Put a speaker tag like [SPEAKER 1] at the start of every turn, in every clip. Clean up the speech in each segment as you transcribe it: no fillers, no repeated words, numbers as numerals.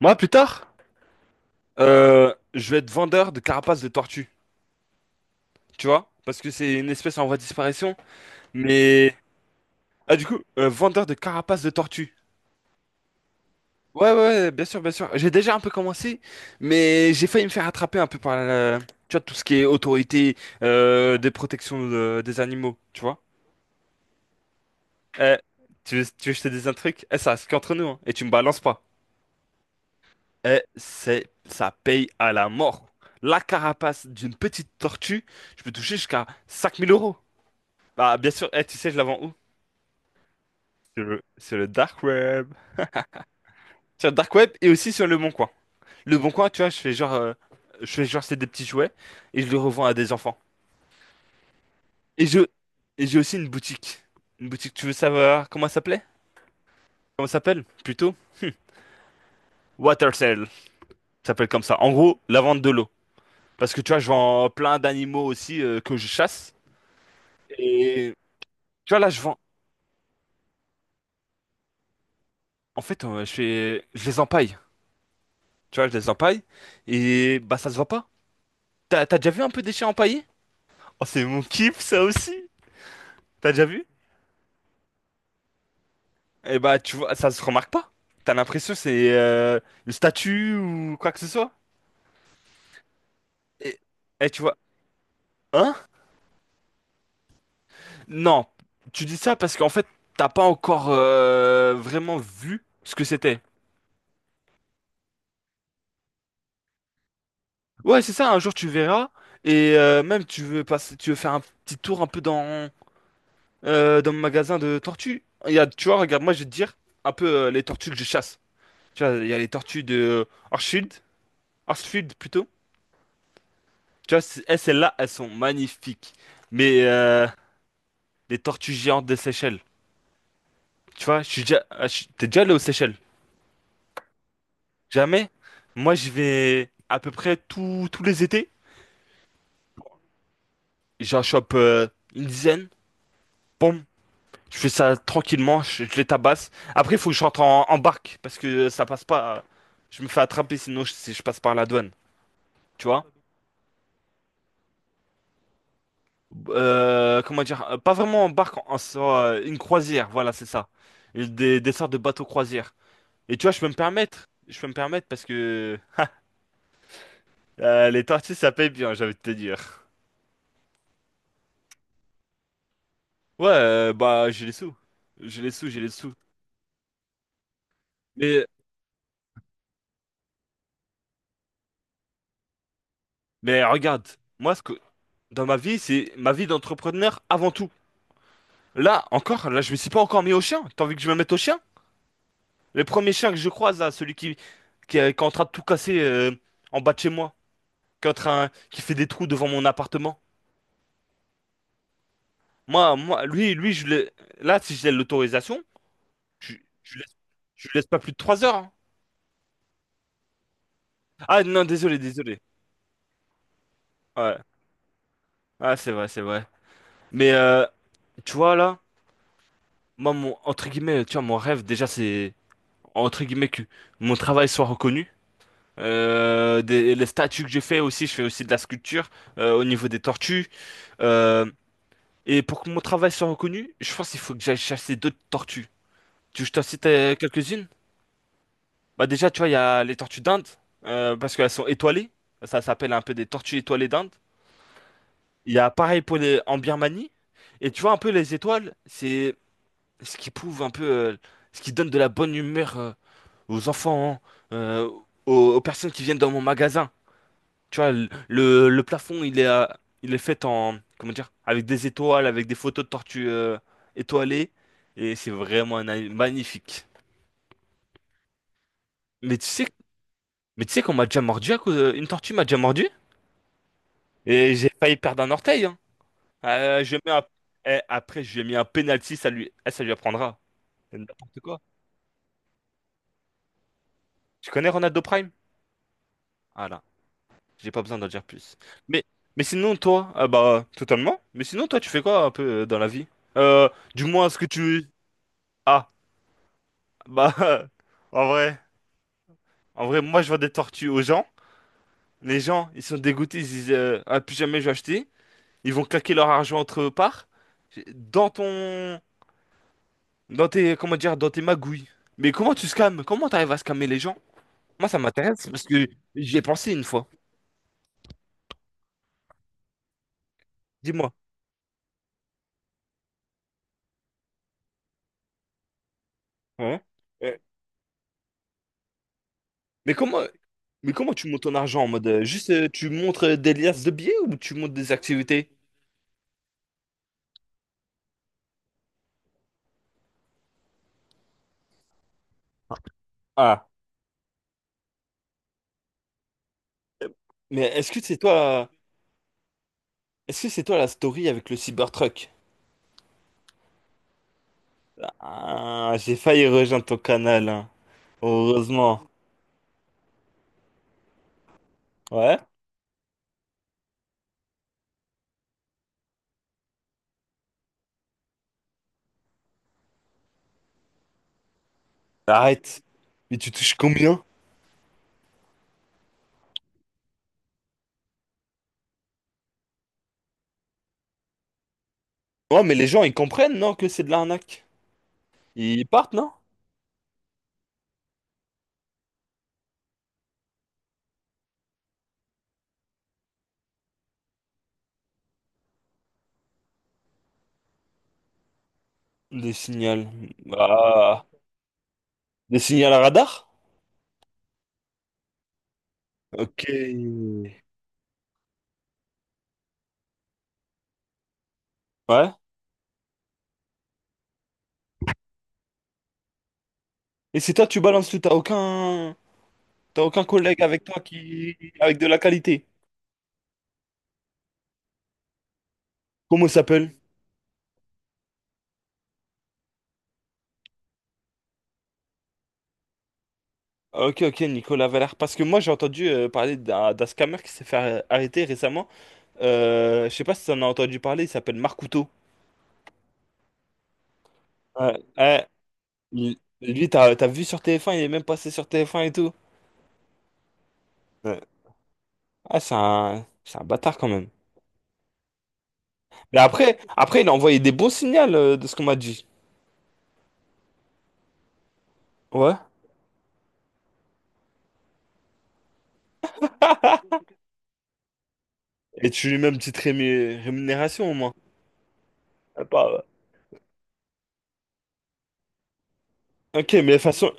[SPEAKER 1] Moi, plus tard, je vais être vendeur de carapaces de tortues, tu vois? Parce que c'est une espèce en voie de disparition. Mais... Ah, du coup, vendeur de carapaces de tortues. Ouais, ouais, ouais, bien sûr, bien sûr. J'ai déjà un peu commencé, mais j'ai failli me faire attraper un peu par la... Tu vois, tout ce qui est autorité des protections des animaux, tu vois? Eh, tu veux que je te dise un truc? Eh, ça, c'est qu'entre nous, hein, et tu me balances pas. Eh, c'est... Ça paye à la mort. La carapace d'une petite tortue, je peux toucher jusqu'à 5000 euros. Bah, bien sûr, eh, tu sais, je la vends où? Sur le dark web. Sur le dark web et aussi sur le Bon Coin. Le Bon Coin, tu vois, je fais genre, c'est des petits jouets et je les revends à des enfants. Et je, et j'ai aussi une boutique. Une boutique, tu veux savoir comment ça s'appelait? Comment ça s'appelle? Plutôt? Water Sale. Ça s'appelle comme ça. En gros, la vente de l'eau. Parce que tu vois, je vends plein d'animaux aussi que je chasse. Et tu vois, là, je vends. En fait, je les empaille. Tu vois, je les empaille et bah, ça se voit pas. T'as déjà vu un peu des chiens empaillés? Oh, c'est mon kiff, ça aussi. T'as déjà vu? Eh bah, tu vois, ça se remarque pas. T'as l'impression que c'est une statue ou quoi que ce soit. Et, et tu vois, hein? Non, tu dis ça parce qu'en fait, t'as pas encore vraiment vu ce que c'était. Ouais, c'est ça. Un jour, tu verras. Même, tu veux passer, tu veux faire un petit tour un peu dans mon magasin de tortues. Il y a, tu vois, regarde, moi, je vais te dire un peu les tortues que je chasse. Tu vois, il y a les tortues de Orchfield, Orchfield plutôt. Tu vois, eh, celles-là, elles sont magnifiques. Mais les tortues géantes des Seychelles. Tu vois, je suis déjà, ah, je- t'es déjà allé aux Seychelles? Jamais? Moi, je vais à peu près tous les étés. J'en chope une dizaine. Boum. Je fais ça tranquillement, je les tabasse. Après, il faut que je rentre en barque parce que ça passe pas. Je me fais attraper sinon si je passe par la douane. Tu vois? Comment dire? Pas vraiment en barque, une croisière. Voilà, c'est ça. Des sortes de bateaux croisières. Et tu vois, je peux me permettre. Je peux me permettre parce que les tortillas, ça paye bien, j'avais envie de te dire. Ouais, bah, j'ai les sous. J'ai les sous, j'ai les sous. Mais, mais regarde, moi, dans ma vie, c'est ma vie d'entrepreneur avant tout. Là, encore, là, je me suis pas encore mis au chien. T'as envie que je me mette au chien? Le premier chien que je croise, là, celui qui est en train de tout casser en bas de chez moi, qui est en train, qui fait des trous devant mon appartement. Moi, lui, là, si j'ai l'autorisation, je, je laisse, je lui laisse pas plus de 3 heures, hein. Ah non, désolé, désolé. Ouais. Ah, c'est vrai, c'est vrai. Mais tu vois là, moi mon entre guillemets, tu vois, mon rêve déjà c'est entre guillemets que mon travail soit reconnu. Les statues que j'ai fait aussi, je fais aussi de la sculpture au niveau des tortues. Euh, et pour que mon travail soit reconnu, je pense qu'il faut que j'aille chasser d'autres tortues. Tu veux que je t'en cite quelques-unes? Bah déjà, tu vois, il y a les tortues d'Inde, parce qu'elles sont étoilées. Ça s'appelle un peu des tortues étoilées d'Inde. Il y a pareil pour les... en Birmanie. Et tu vois un peu les étoiles, c'est ce qui prouve un peu, ce qui donne de la bonne humeur aux enfants, hein, aux personnes qui viennent dans mon magasin. Tu vois, le plafond, il est fait en, comment dire, avec des étoiles, avec des photos de tortues étoilées. Et c'est vraiment un animal magnifique. Mais tu sais, mais tu sais qu'on m'a déjà mordu une tortue m'a déjà mordu et j'ai failli perdre un orteil, hein. Euh, je mets un- eh, après, je lui ai mis un penalty, ça lui apprendra. N'importe quoi. Tu connais Ronaldo Prime? Ah là, j'ai pas besoin d'en dire plus. Mais, mais sinon, toi, ah bah, totalement. Mais sinon, toi, tu fais quoi un peu dans la vie? Euh, du moins, ce que tu... Ah, bah, en vrai, en vrai, moi, je vends des tortues aux gens. Les gens, ils sont dégoûtés, ils disent, ah, plus jamais je vais acheter. Ils vont claquer leur argent entre eux parts. Dans ton... Dans tes, comment dire, dans tes magouilles. Mais comment tu scams? Comment t'arrives à scammer les gens? Moi, ça m'intéresse parce que j'y ai pensé une fois. Dis-moi. Ouais. Mais comment, mais comment tu montes ton argent en mode juste tu montres des liasses de billets ou tu montes des activités? Ah, mais est-ce que c'est toi la story avec le Cybertruck? Ah, j'ai failli rejoindre ton canal, hein. Heureusement. Ouais? Arrête. Mais tu touches combien? Ouais, mais les gens ils comprennent, non, que c'est de l'arnaque. Ils partent, non? Des signaux. Ah, des signaux à radar? Ok. Ouais. Et c'est toi, tu balances tout, t'as aucun. T'as aucun collègue avec toi qui... avec de la qualité? Comment il s'appelle? Ok, ok, Nicolas Valère. Parce que moi, j'ai entendu parler d'un scammer qui s'est fait arrêter récemment. Je sais pas si t'en as entendu parler, il s'appelle Marc Couteau. Ouais, ouais. Lui, t'as vu sur TF1, il est même passé sur TF1 et tout. Ouais. Ah, c'est un bâtard quand même. Mais après, il a envoyé des bons signaux de ce qu'on m'a dit. Ouais. Et tu lui mets une petite rémunération au moins. Ah, pas, ouais. Ok, mais de toute façon,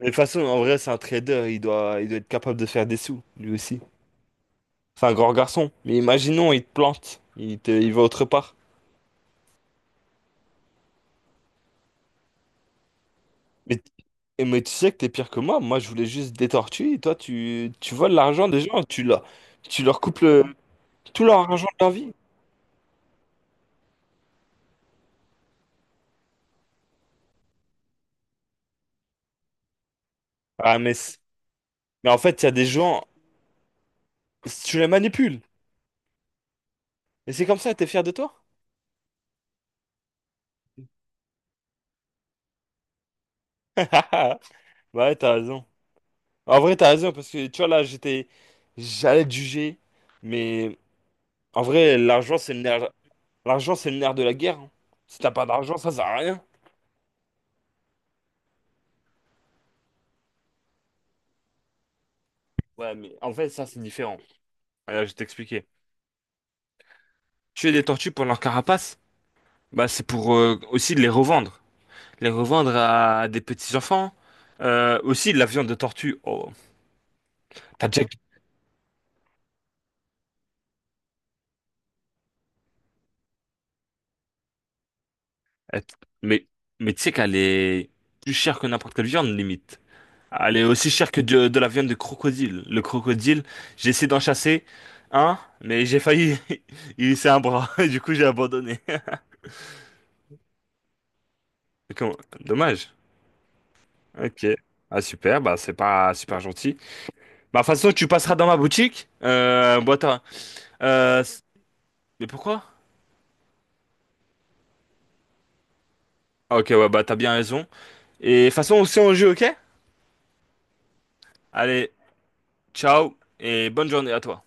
[SPEAKER 1] Mais de toute façon, en vrai, c'est un trader, il doit être capable de faire des sous, lui aussi. C'est un grand garçon. Mais imaginons, il te plante, il va autre part. Mais, mais tu sais que t'es pire que moi. Moi, je voulais juste des tortues, et toi, tu voles l'argent des gens, tu leur coupes le- tout leur argent de leur vie. Ah, mais, c- mais en fait, il y a des gens, tu les manipules. Et c'est comme ça, t'es fier de toi? Ouais, t'as raison. En vrai, t'as raison, parce que tu vois, là, j'étais. J'allais te juger, mais en vrai, l'argent, c'est le nerf de la guerre, hein. Si t'as pas d'argent, ça sert à rien. Ouais, mais en fait, ça, c'est différent. Alors, je vais t'expliquer. Tuer des tortues pour leur carapace, bah, c'est pour aussi de les revendre. Les revendre à des petits-enfants. Aussi, de la viande de tortue. Oh, t'as déjà... euh, Mais, mais tu sais qu'elle est plus chère que n'importe quelle viande, limite. Elle est aussi chère que de la viande de crocodile. Le crocodile, j'ai essayé d'en chasser un, mais j'ai failli. Il s'est un bras. Du coup, j'ai abandonné. Dommage. Ok. Ah super, bah c'est pas super gentil. Bah de toute façon tu passeras dans ma boutique. Bon, attends. Euh, s- mais pourquoi? Ah, ok ouais bah t'as bien raison. Et de toute façon on se tient au jeu, ok? Allez, ciao et bonne journée à toi.